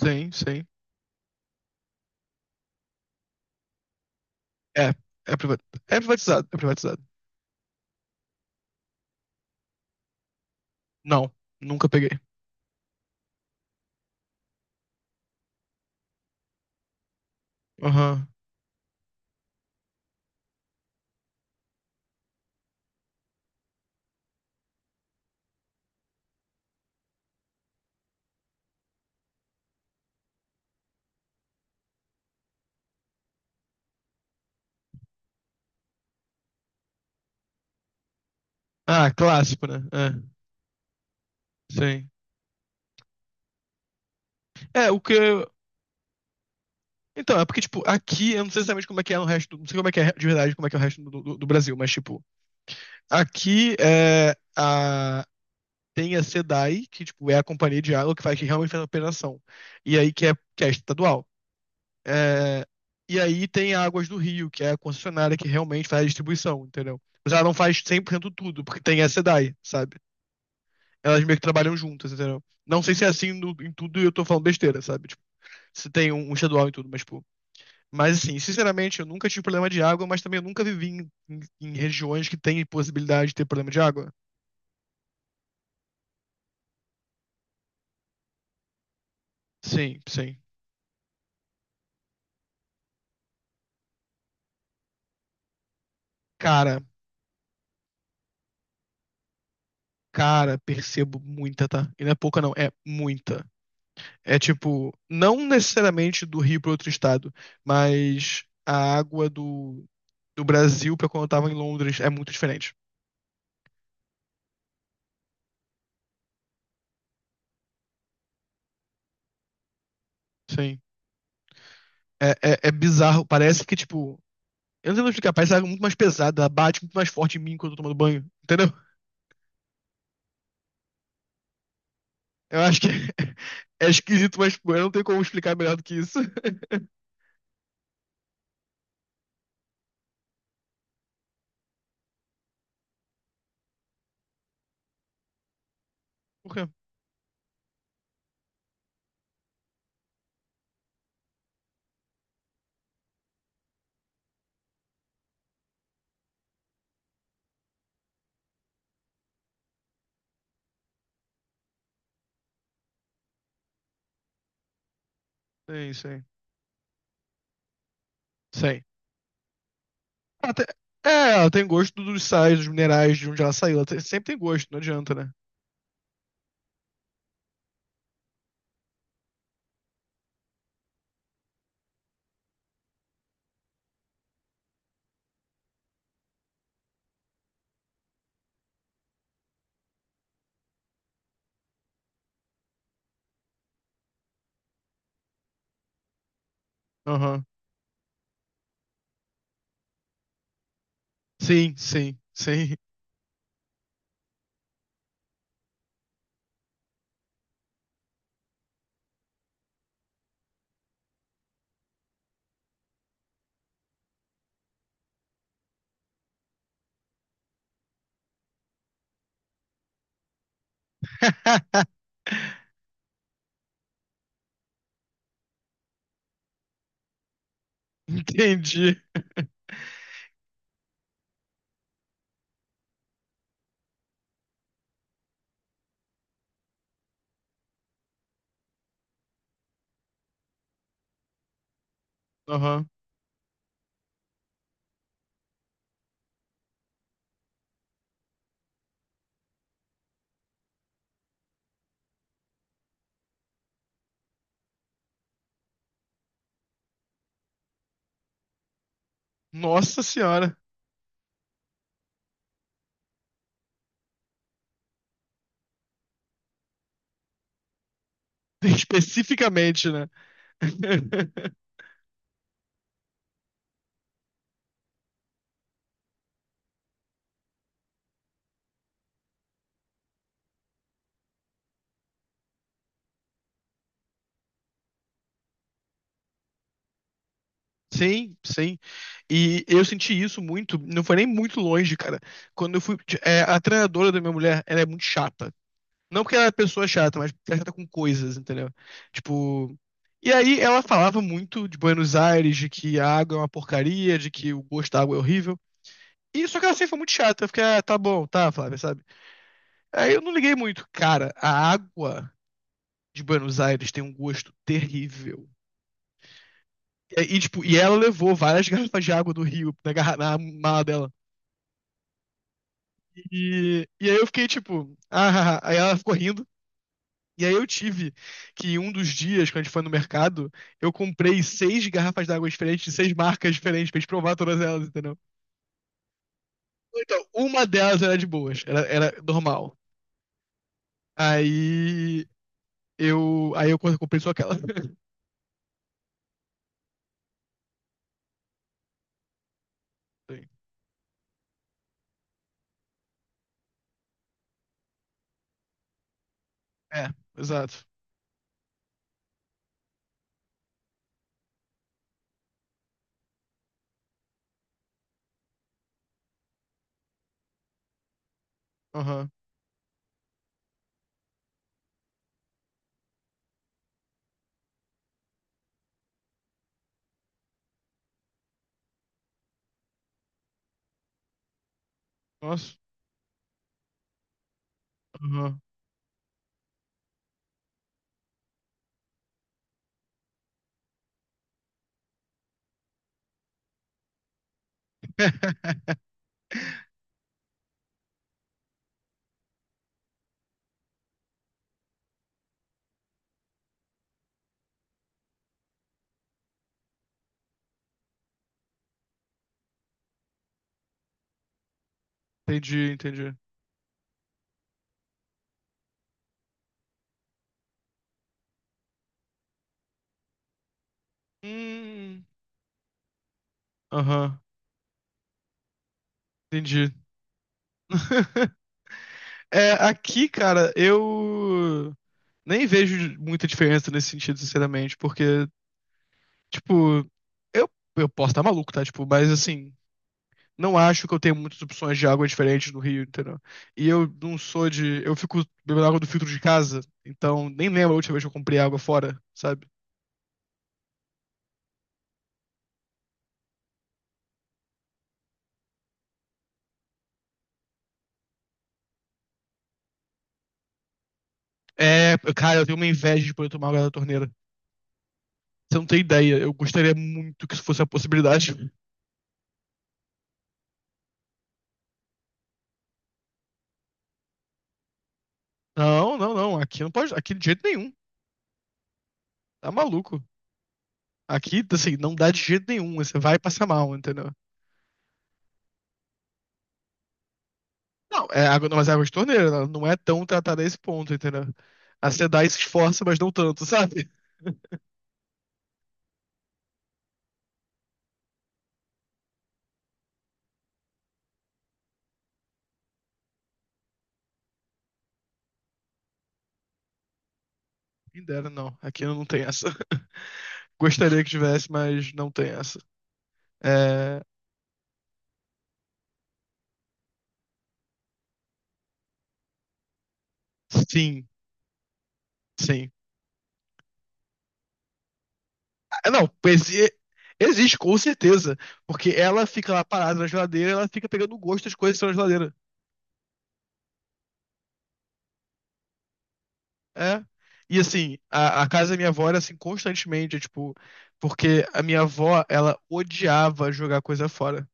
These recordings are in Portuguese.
Sim, sim. É, é privatizado. É privatizado. Não, nunca peguei. Aham. Ah, clássico, né? É, sim. É, o que. Então, é porque, tipo, aqui, eu não sei exatamente como é que é no resto. Não sei como é que é de verdade, como é que é o resto do Brasil, mas, tipo, aqui é a. Tem a SEDAI, que, tipo, é a companhia de água que faz, que realmente faz a operação. E aí que é estadual. É, e aí tem a Águas do Rio, que é a concessionária que realmente faz a distribuição, entendeu? Mas ela não faz 100% tudo, porque tem a SEDAI, sabe? Elas meio que trabalham juntas, entendeu? Não sei se é assim no- em tudo e eu tô falando besteira, sabe? Tipo, se tem um estadual em tudo, mas, tipo. Mas, assim, sinceramente, eu nunca tive problema de água, mas também eu nunca vivi em regiões que tem possibilidade de ter problema de água. Sim, sim. Cara, cara, percebo muita, tá? E não é pouca, não, é muita. É tipo, não necessariamente do Rio para outro estado, mas a água do Brasil para quando eu tava em Londres é muito diferente. Sim. É bizarro. Parece que, tipo, eu não sei como explicar, parece água muito mais pesada, bate muito mais forte em mim quando eu tô tomando banho. Entendeu? Eu acho que é esquisito, mas pô, eu não tenho como explicar melhor do que isso. Porra. É isso aí. Sei. Ela tem- é, ela tem gosto dos sais, dos minerais, de onde ela saiu. Ela tem- sempre tem gosto, não adianta, né? Aham. Sim, sim, sim. Entendi. Aham. Nossa senhora. Especificamente, né? Sim, sim. E eu senti isso muito, não foi nem muito longe, cara. Quando eu fui. É, a treinadora da minha mulher, ela é muito chata. Não porque ela é pessoa chata, mas porque ela é chata com coisas, entendeu? Tipo. E aí ela falava muito de Buenos Aires, de que a água é uma porcaria, de que o gosto da água é horrível. E só que ela sempre foi muito chata. Eu fiquei, ah, tá bom, tá, Flávia, sabe? Aí eu não liguei muito. Cara, a água de Buenos Aires tem um gosto terrível. E, aí, tipo, e ela levou várias garrafas de água do Rio na, na mala dela. E aí eu fiquei tipo, ah, ah, ah. Aí ela ficou rindo. E aí eu tive que um dos dias, quando a gente foi no mercado, eu comprei seis garrafas d'água diferentes, de seis marcas diferentes, pra gente provar todas elas, entendeu? Então, uma delas era de boas, era normal. Aí aí eu comprei só aquela. É, exato. Aham. Nossa. Aham. Entendi, entendi. Hum, aham, entendi. É, aqui, cara, eu nem vejo muita diferença nesse sentido, sinceramente, porque, tipo, eu, eu posso estar maluco, tá? Tipo, mas assim, não acho que eu tenho muitas opções de água diferentes no Rio, entendeu? E eu não sou de. Eu fico bebendo água do filtro de casa, então nem lembro a última vez que eu comprei água fora, sabe? É, cara, eu tenho uma inveja de poder tomar água da torneira. Você não tem ideia, eu gostaria muito que isso fosse a possibilidade. Não, não, não. Aqui não pode. Aqui de jeito nenhum. Tá maluco. Aqui, assim, não dá de jeito nenhum. Você vai passar mal, entendeu? Não, é água, não, mas é água de torneira. Ela não é tão tratada a esse ponto, entendeu? A SEDAI se esforça, mas não tanto, sabe? Quem dera, não. Aqui não tem essa. Gostaria que tivesse, mas não tem essa. É... Sim, sim. Ah, não, existe, com certeza. Porque ela fica lá parada na geladeira, ela fica pegando o gosto das coisas que estão na geladeira. É. E assim, a casa da minha avó era assim constantemente, tipo, porque a minha avó, ela odiava jogar coisa fora.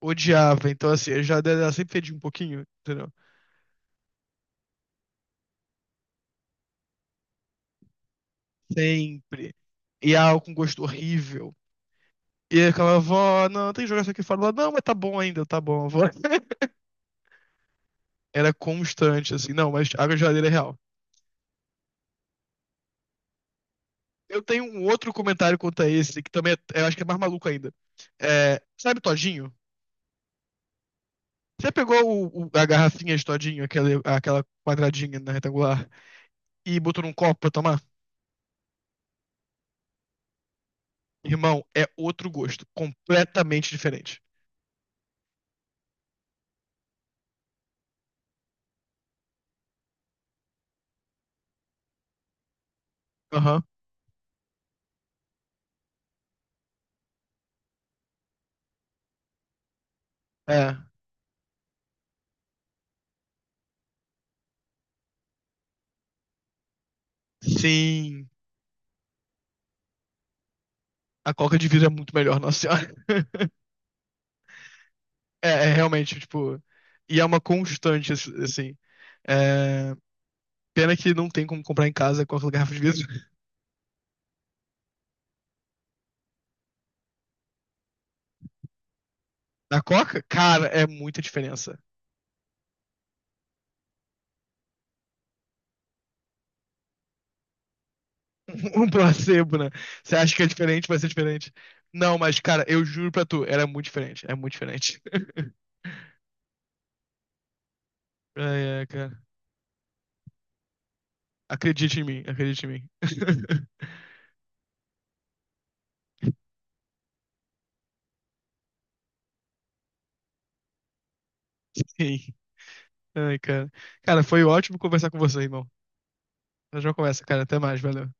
Odiava. Então, assim, a geladeira dela sempre fedia um pouquinho, entendeu? Sempre. E algo com gosto horrível. E eu ficava, avó, não, tem que jogar isso aqui fora. Ela, não, mas tá bom ainda, tá bom, avó. Era constante, assim, não, mas água de geladeira é real. Eu tenho um outro comentário quanto a esse, que também é, eu acho que é mais maluco ainda. É, sabe Todinho? Você pegou a garrafinha de todinho, aquela quadradinha na retangular, e botou num copo pra tomar? Irmão, é outro gosto. Completamente diferente. Aham. É. Sim. A coca de vidro é muito melhor, nossa senhora. É, é realmente, tipo. E é uma constante, assim. É, pena que não tem como comprar em casa coca da garrafa de vidro. Na coca, cara, é muita diferença. Um placebo, né? Você acha que é diferente, vai ser diferente. Não, mas, cara, eu juro pra tu, era muito diferente. É muito diferente. Ai, ai, cara. Acredite em mim, acredite em mim. Sim. Ai, cara. Cara, foi ótimo conversar com você, irmão. Nós já conversa, cara. Até mais, valeu.